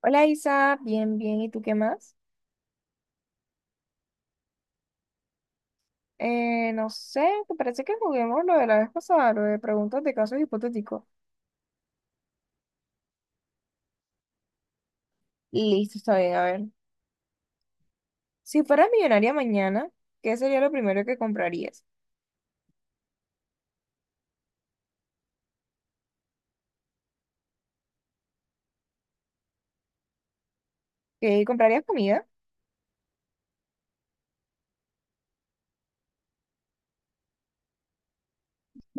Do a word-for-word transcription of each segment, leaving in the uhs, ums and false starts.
Hola Isa, bien, bien, ¿y tú qué más? Eh, no sé, ¿te parece que juguemos lo de la vez pasada, lo de preguntas de casos hipotéticos? Listo, está bien, a ver. Si fueras millonaria mañana, ¿qué sería lo primero que comprarías? ¿Qué comprarías comida?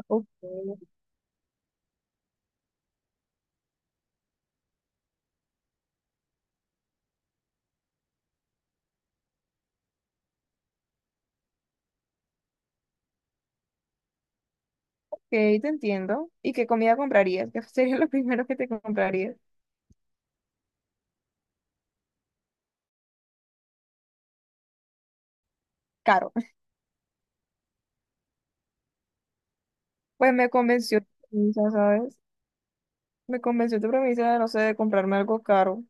Ok, ok, te entiendo. ¿Y qué comida comprarías? ¿Qué sería lo primero que te comprarías? Caro. Pues me convenció tu premisa, ¿sabes? Me convenció tu premisa de, no sé, de comprarme algo caro.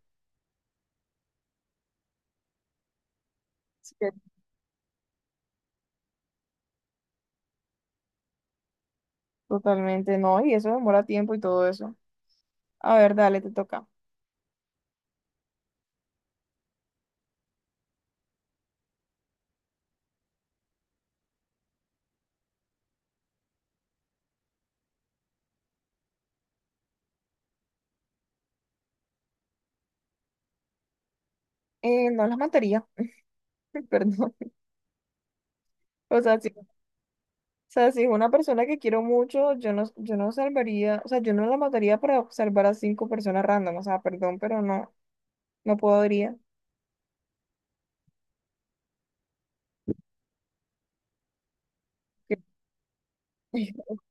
Así totalmente no, y eso demora tiempo y todo eso. A ver, dale, te toca. Eh, no las mataría, perdón. O sea, si, o sea, si es una persona que quiero mucho, yo no, yo no salvaría, o sea, yo no la mataría para salvar a cinco personas random, o sea, perdón, pero no, no podría. Que-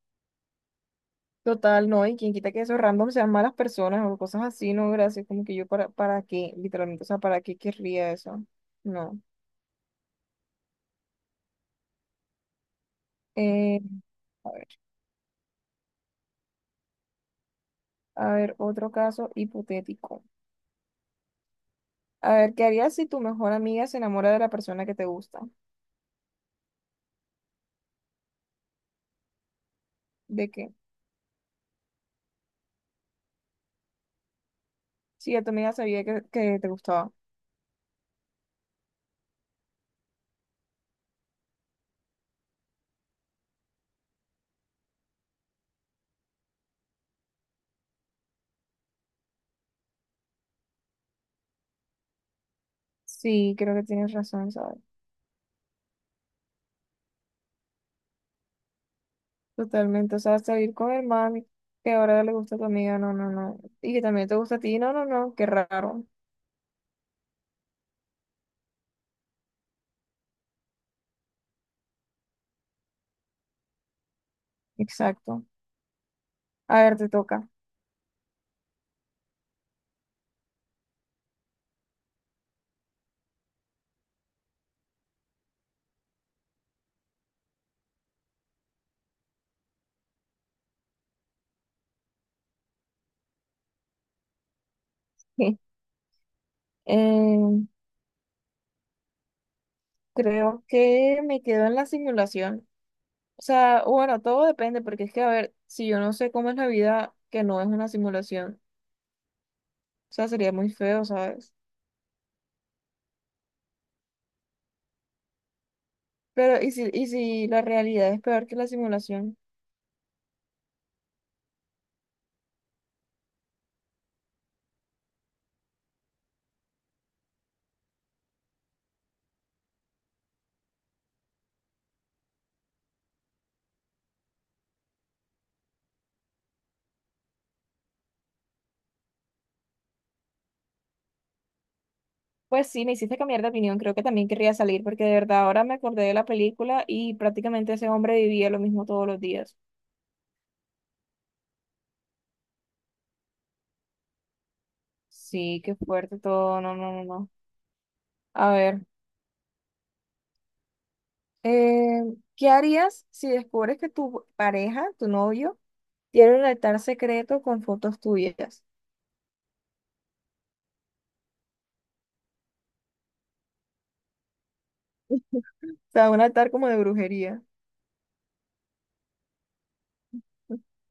Total, no, y quien quita que esos random sean malas personas o cosas así, no, gracias, como que yo para, para qué, literalmente, o sea, ¿para qué querría eso? No. Eh, a ver, a ver, otro caso hipotético. A ver, ¿qué harías si tu mejor amiga se enamora de la persona que te gusta? ¿De qué? Sí, yo también sabía que, que te gustaba. Sí, creo que tienes razón, ¿sabes? Totalmente. O sea, salir con el mami, que ahora le gusta a tu amiga, no, no, no. Y que también te gusta a ti, no, no, no. Qué raro. Exacto. A ver, te toca. Eh, creo que me quedo en la simulación. O sea, bueno, todo depende, porque es que, a ver, si yo no sé cómo es la vida, que no es una simulación, o sea, sería muy feo, ¿sabes? Pero, ¿y si, ¿y si la realidad es peor que la simulación? Pues sí, me hiciste cambiar de opinión. Creo que también querría salir porque de verdad ahora me acordé de la película y prácticamente ese hombre vivía lo mismo todos los días. Sí, qué fuerte todo. No, no, no, no. A ver, eh, ¿qué harías si descubres que tu pareja, tu novio, tiene un altar secreto con fotos tuyas? O sea, un altar como de brujería.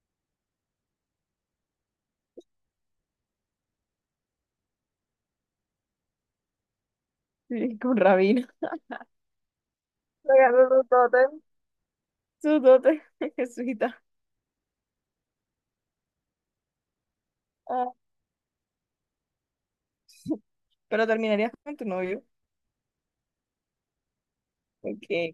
Sí, con rabino. Pegando su tótem. Su tótem, jesuita. Ah, pero terminarías con tu novio. Ok.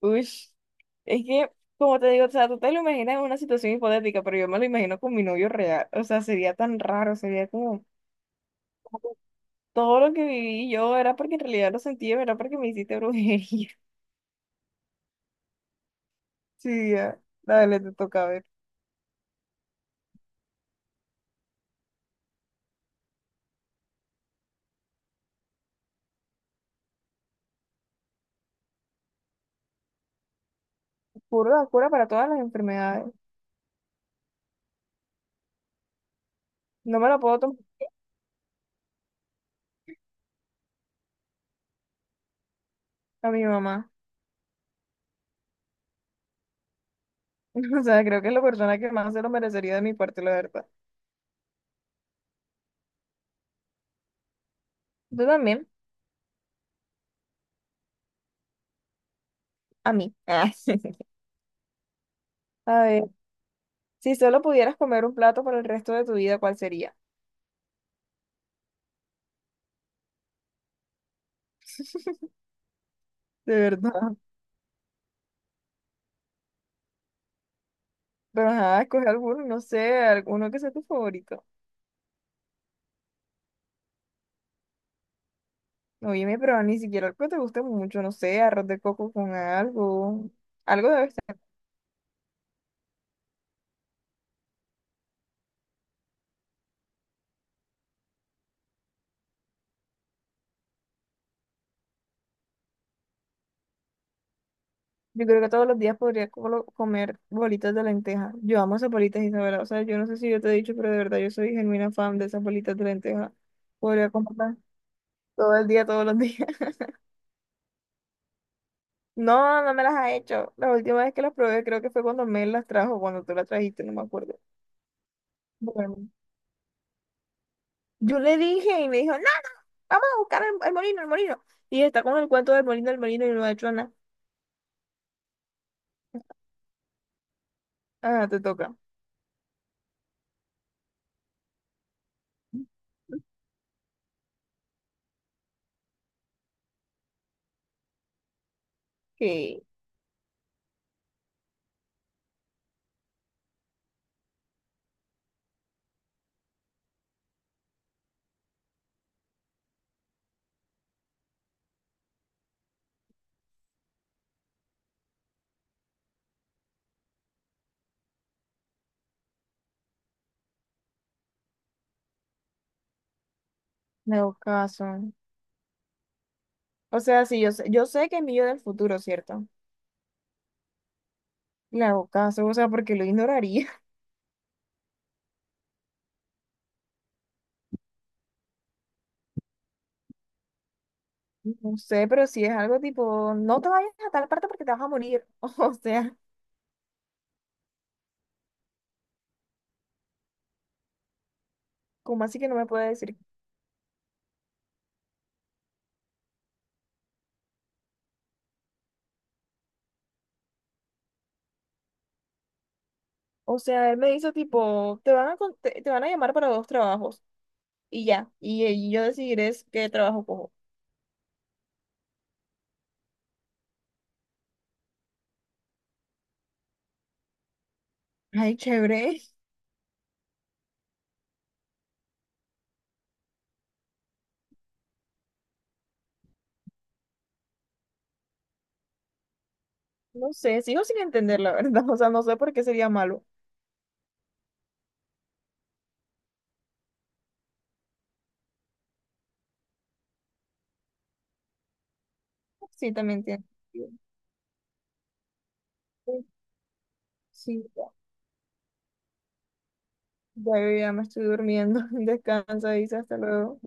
Ush, es que, como te digo, o sea, tú te lo imaginas en una situación hipotética, pero yo me lo imagino con mi novio real. O sea, sería tan raro, sería como todo lo que viví yo era porque en realidad lo sentí, era porque me hiciste brujería. Sí, ya. Dale, te toca ver. Cura, cura para todas las enfermedades. No me lo puedo tomar a mi mamá. O sea, creo que es la persona que más se lo merecería de mi parte, la verdad. Tú también, a mí. A ver, si solo pudieras comer un plato por el resto de tu vida, ¿cuál sería? De verdad. Pero ajá, escoge alguno, no sé, alguno que sea tu favorito. Oye, pero ni siquiera algo que te guste mucho, no sé, arroz de coco con algo. Algo debe estar. Yo creo que todos los días podría colo- comer bolitas de lenteja. Yo amo esas bolitas, Isabela. O sea, yo no sé si yo te he dicho, pero de verdad yo soy genuina fan de esas bolitas de lenteja. Podría comprarlas todo el día, todos los días. No, no me las ha hecho. La última vez que las probé creo que fue cuando Mel las trajo, cuando tú las trajiste, no me acuerdo. Bueno, yo le dije y me dijo, no. Vamos a buscar el, el molino, el molino. Y está con el cuento del molino, el molino y lo ha hecho nada. Ah, te toca. Que le hago caso. O sea, sí, yo sé, yo sé que es mío del futuro, ¿cierto? Le hago caso, o sea, porque lo ignoraría. No sé, pero si es algo tipo, no te vayas a tal parte porque te vas a morir. O sea, ¿cómo así que no me puede decir? O sea, él me hizo tipo, te van a, con- te, te van a llamar para dos trabajos y ya. Y, y yo decidiré es qué trabajo cojo. Ay, chévere. No sé, sigo sin entender la verdad. O sea, no sé por qué sería malo. Sí, también tiene sentido. Sí, ya, ya, ya me estoy durmiendo. Descansa, dice, hasta luego.